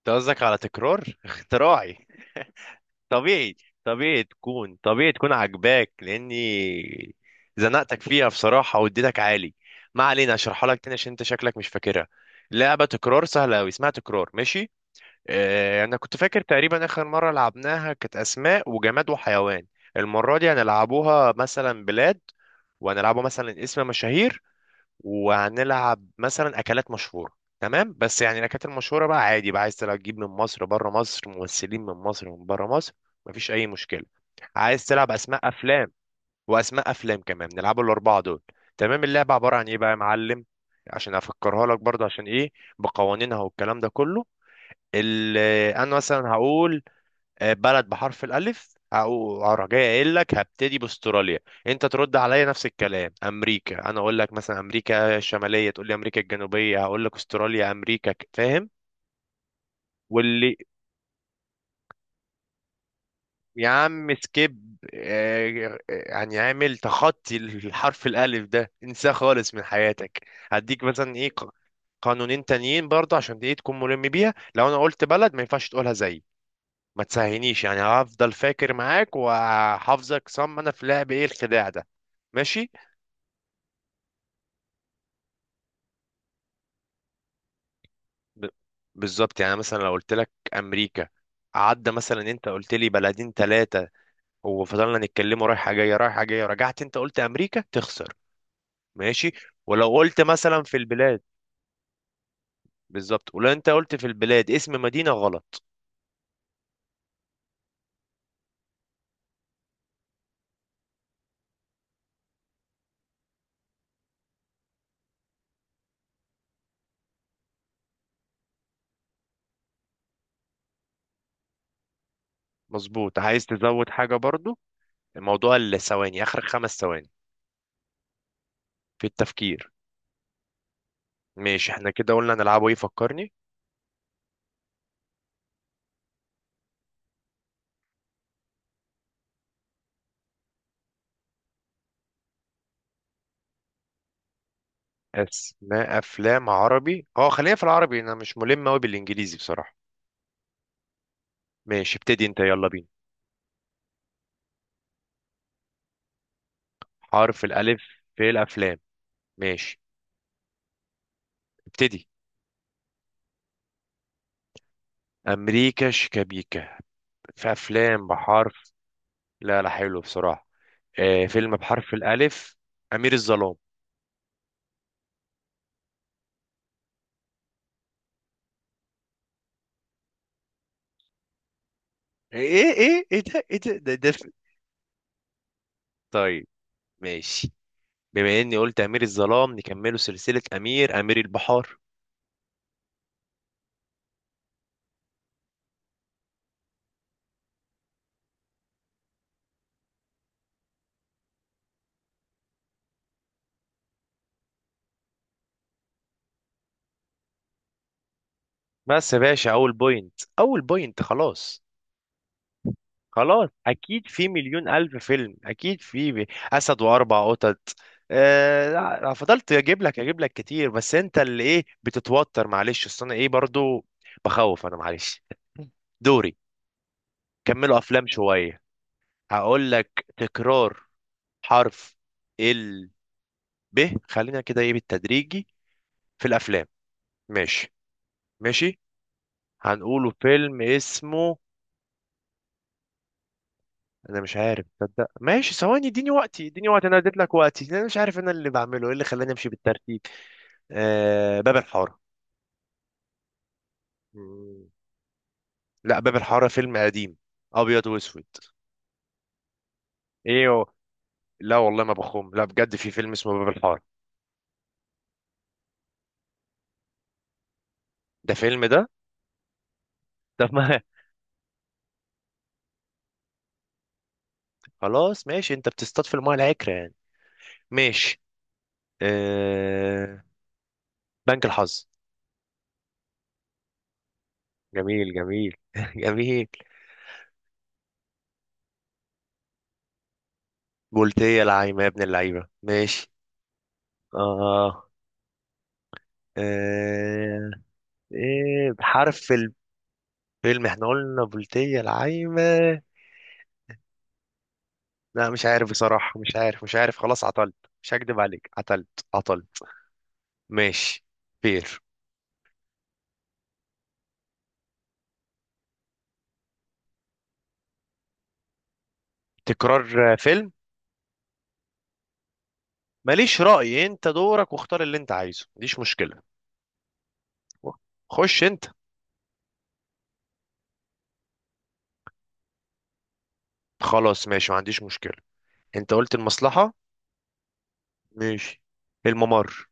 انت قصدك على تكرار؟ اختراعي. طبيعي طبيعي تكون عجباك، لاني زنقتك فيها بصراحه واديتك عالي. ما علينا، اشرحها لك تاني عشان انت شكلك مش فاكرها. لعبه تكرار سهله قوي، اسمها تكرار، ماشي. اه، انا كنت فاكر تقريبا اخر مره لعبناها كانت اسماء وجماد وحيوان. المره دي هنلعبوها مثلا بلاد، وهنلعبوا مثلا اسم مشاهير، وهنلعب مثلا اكلات مشهوره. تمام، بس يعني الاكلات المشهوره بقى عادي، بقى عايز تلعب تجيب من مصر بره مصر، ممثلين من مصر ومن بره مصر، مفيش اي مشكله. عايز تلعب اسماء افلام واسماء افلام كمان؟ نلعبوا الاربعه دول. تمام، اللعبه عباره عن ايه بقى يا معلم، عشان افكرها لك برضه، عشان ايه بقوانينها والكلام ده كله. ال- انا مثلا هقول بلد بحرف الألف، أو أروح جاي قايل لك هبتدي بأستراليا. أنت ترد عليا نفس الكلام أمريكا، أنا أقول لك مثلا أمريكا الشمالية، تقول لي أمريكا الجنوبية، هقول لك أستراليا، أمريكا فاهم؟ واللي يا عم سكيب، يعني عامل تخطي، الحرف الألف ده انساه خالص من حياتك. هديك مثلا إيه، قانونين تانيين برضه عشان دي تكون ملم بيها، لو أنا قلت بلد ما ينفعش تقولها زي ما تسهينيش، يعني هفضل فاكر معاك وهحافظك صم، انا في لعب ايه الخداع ده؟ ماشي. ب... بالظبط، يعني مثلا لو قلت لك امريكا عدى، مثلا انت قلت لي بلدين ثلاثه وفضلنا نتكلموا رايحه جايه رايحه جايه، رجعت انت قلت امريكا، تخسر. ماشي، ولو قلت مثلا في البلاد، بالظبط، ولو انت قلت في البلاد اسم مدينه غلط. مظبوط، عايز تزود حاجه برضو؟ الموضوع الثواني، اخر خمس ثواني في التفكير. ماشي، احنا كده قلنا نلعبه ايه، فكرني. اسماء افلام عربي، اه خلينا في العربي، انا مش ملم قوي بالانجليزي بصراحه. ماشي، ابتدي انت، يلا بينا. حرف الالف في الافلام، ماشي، ابتدي. امريكا شيكابيكا. في افلام بحرف، لا لا حلو بصراحه، آه فيلم بحرف الالف، امير الظلام. ايه ايه ايه إيه ده ايه ده ده, ده في- طيب، ماشي، بما اني قلت امير الظلام نكمله سلسله، امير، امير البحار. بس يا باشا، اول بوينت اول بوينت، خلاص. خلاص اكيد في مليون الف فيلم، اكيد في اسد واربع قطط. آه لا، فضلت اجيب لك كتير، بس انت اللي ايه بتتوتر، معلش اصل انا ايه برضو بخوف انا، معلش. دوري، كملوا افلام شويه، هقول لك تكرار حرف ال ب، خلينا كده ايه بالتدريجي في الافلام، ماشي، ماشي، هنقوله فيلم اسمه. انا مش عارف تصدق، ماشي ثواني اديني وقتي اديني وقتي، انا اديت لك وقتي، انا مش عارف انا اللي بعمله ايه اللي خلاني امشي بالترتيب. باب الحاره. مم. لا، باب الحاره فيلم قديم، ابيض واسود. ايه هو؟ لا والله ما بخوم، لا بجد في فيلم اسمه باب الحاره. ده فيلم ده، طب ما. خلاص ماشي، انت بتصطاد في المايه العكره يعني. ماشي، آه بنك الحظ. جميل جميل، جميل. قلت ايه يا لعيب يا ابن اللعيبه، ماشي، اه. آه، ايه بحرف، الفيلم احنا قلنا بلطية العايمة. لا مش عارف بصراحة، مش عارف مش عارف، خلاص عطلت، مش هكدب عليك عطلت، عطلت. ماشي، فير، تكرار، فيلم. ماليش رأي، انت دورك، واختار اللي انت عايزه، مفيش مشكلة. خش انت. خلاص ماشي، ما عنديش مشكلة، انت قلت المصلحة. ماشي، الممر.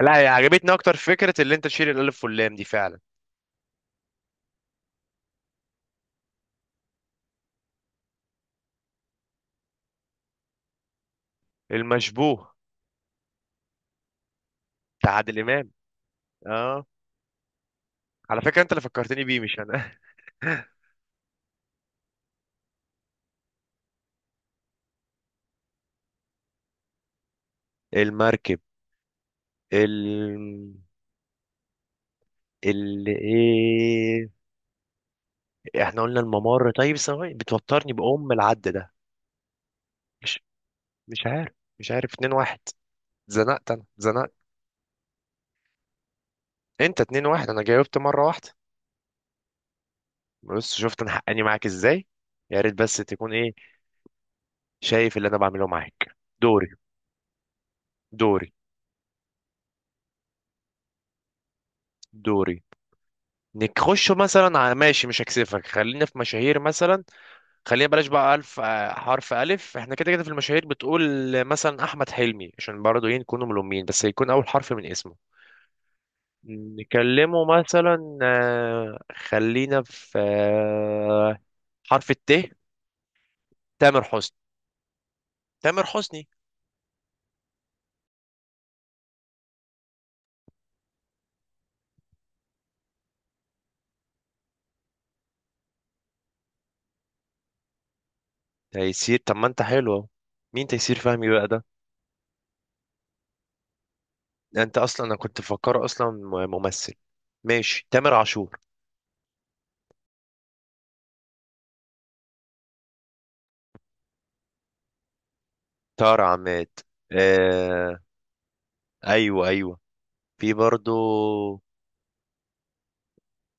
لا هي عجبتني اكتر فكرة اللي انت تشيل الالف واللام دي فعلا. المشبوه بتاع عادل امام، اه، على فكرة انت اللي فكرتني بيه، مش انا. المركب. ال ال ايه؟ احنا قلنا الممر، طيب ثواني بتوترني بأم العد ده، مش مش عارف، مش عارف، اتنين واحد. زنقت، انا زنقت، انت اتنين واحد، انا جاوبت مرة واحدة. بص شفت انا حقاني معاك ازاي، يا ريت بس تكون ايه، شايف اللي انا بعمله معاك. دوري، دوري، دوري. نخش مثلا على، ماشي مش هكسفك، خلينا في مشاهير مثلا، خلينا بلاش بقى ألف، حرف ألف احنا كده كده، في المشاهير بتقول مثلا أحمد حلمي، عشان برضه ايه نكون ملومين بس يكون أول حرف من اسمه. نكلمه مثلا خلينا في حرف الت، تامر حسني. تامر حسني، تيسير، طب ما انت حلو اهو، مين تيسير فهمي بقى ده؟ ده انت اصلا انا كنت مفكره اصلا ممثل. ماشي، تامر عاشور. تار عماد، آه... ايوه ايوه، في برضو،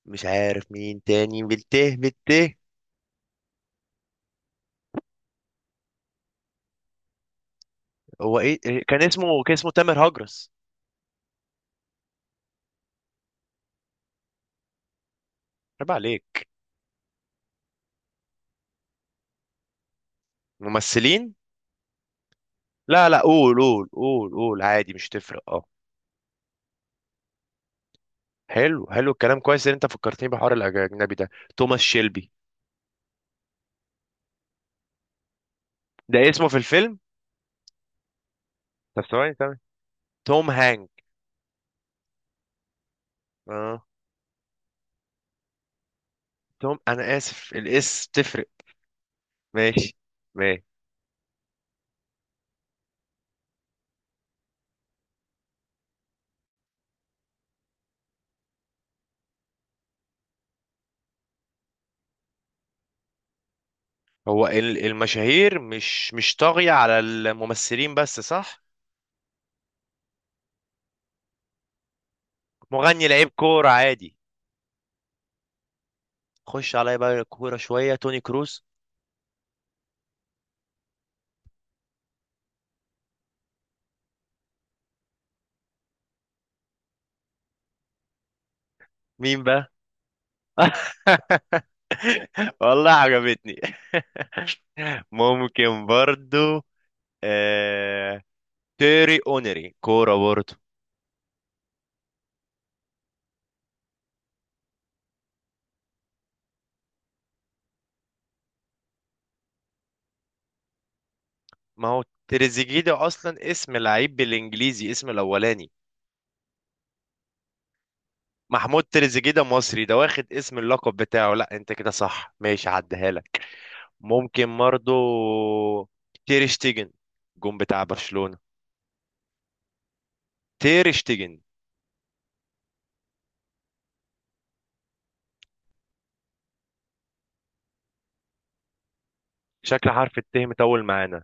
مش عارف مين تاني، بالته. هو ايه كان اسمه تامر هجرس، عيب عليك. ممثلين، لا لا قول قول قول قول عادي مش تفرق، اه. حلو حلو، الكلام كويس ان انت فكرتني بحوار الاجنبي ده، توماس شيلبي. ده اسمه في الفيلم، طب ثواني، تمام، توم هانك. اه، توم انا اسف، تفرق. ماشي، ماشي. هو المشاهير مش طاغية على الممثلين بس، صح؟ مغني لعيب كورة عادي، خش عليا بقى كورة، شوية، توني كروز. مين بقى؟ والله عجبتني، ممكن برضو. آه... تيري اونري، كورة برضو. ما هو تريزيجيه ده اصلا اسم لعيب بالانجليزي اسم الاولاني. محمود تريزيجيه ده مصري، ده واخد اسم اللقب بتاعه، لا انت كده صح ماشي، عديها لك. ممكن برضو، تير شتيجن، جون بتاع برشلونة، تير شتيجن. شكل حرف الت مطول معانا،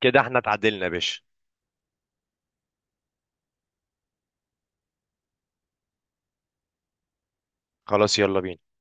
كده احنا اتعادلنا يا باشا. خلاص يلا بينا.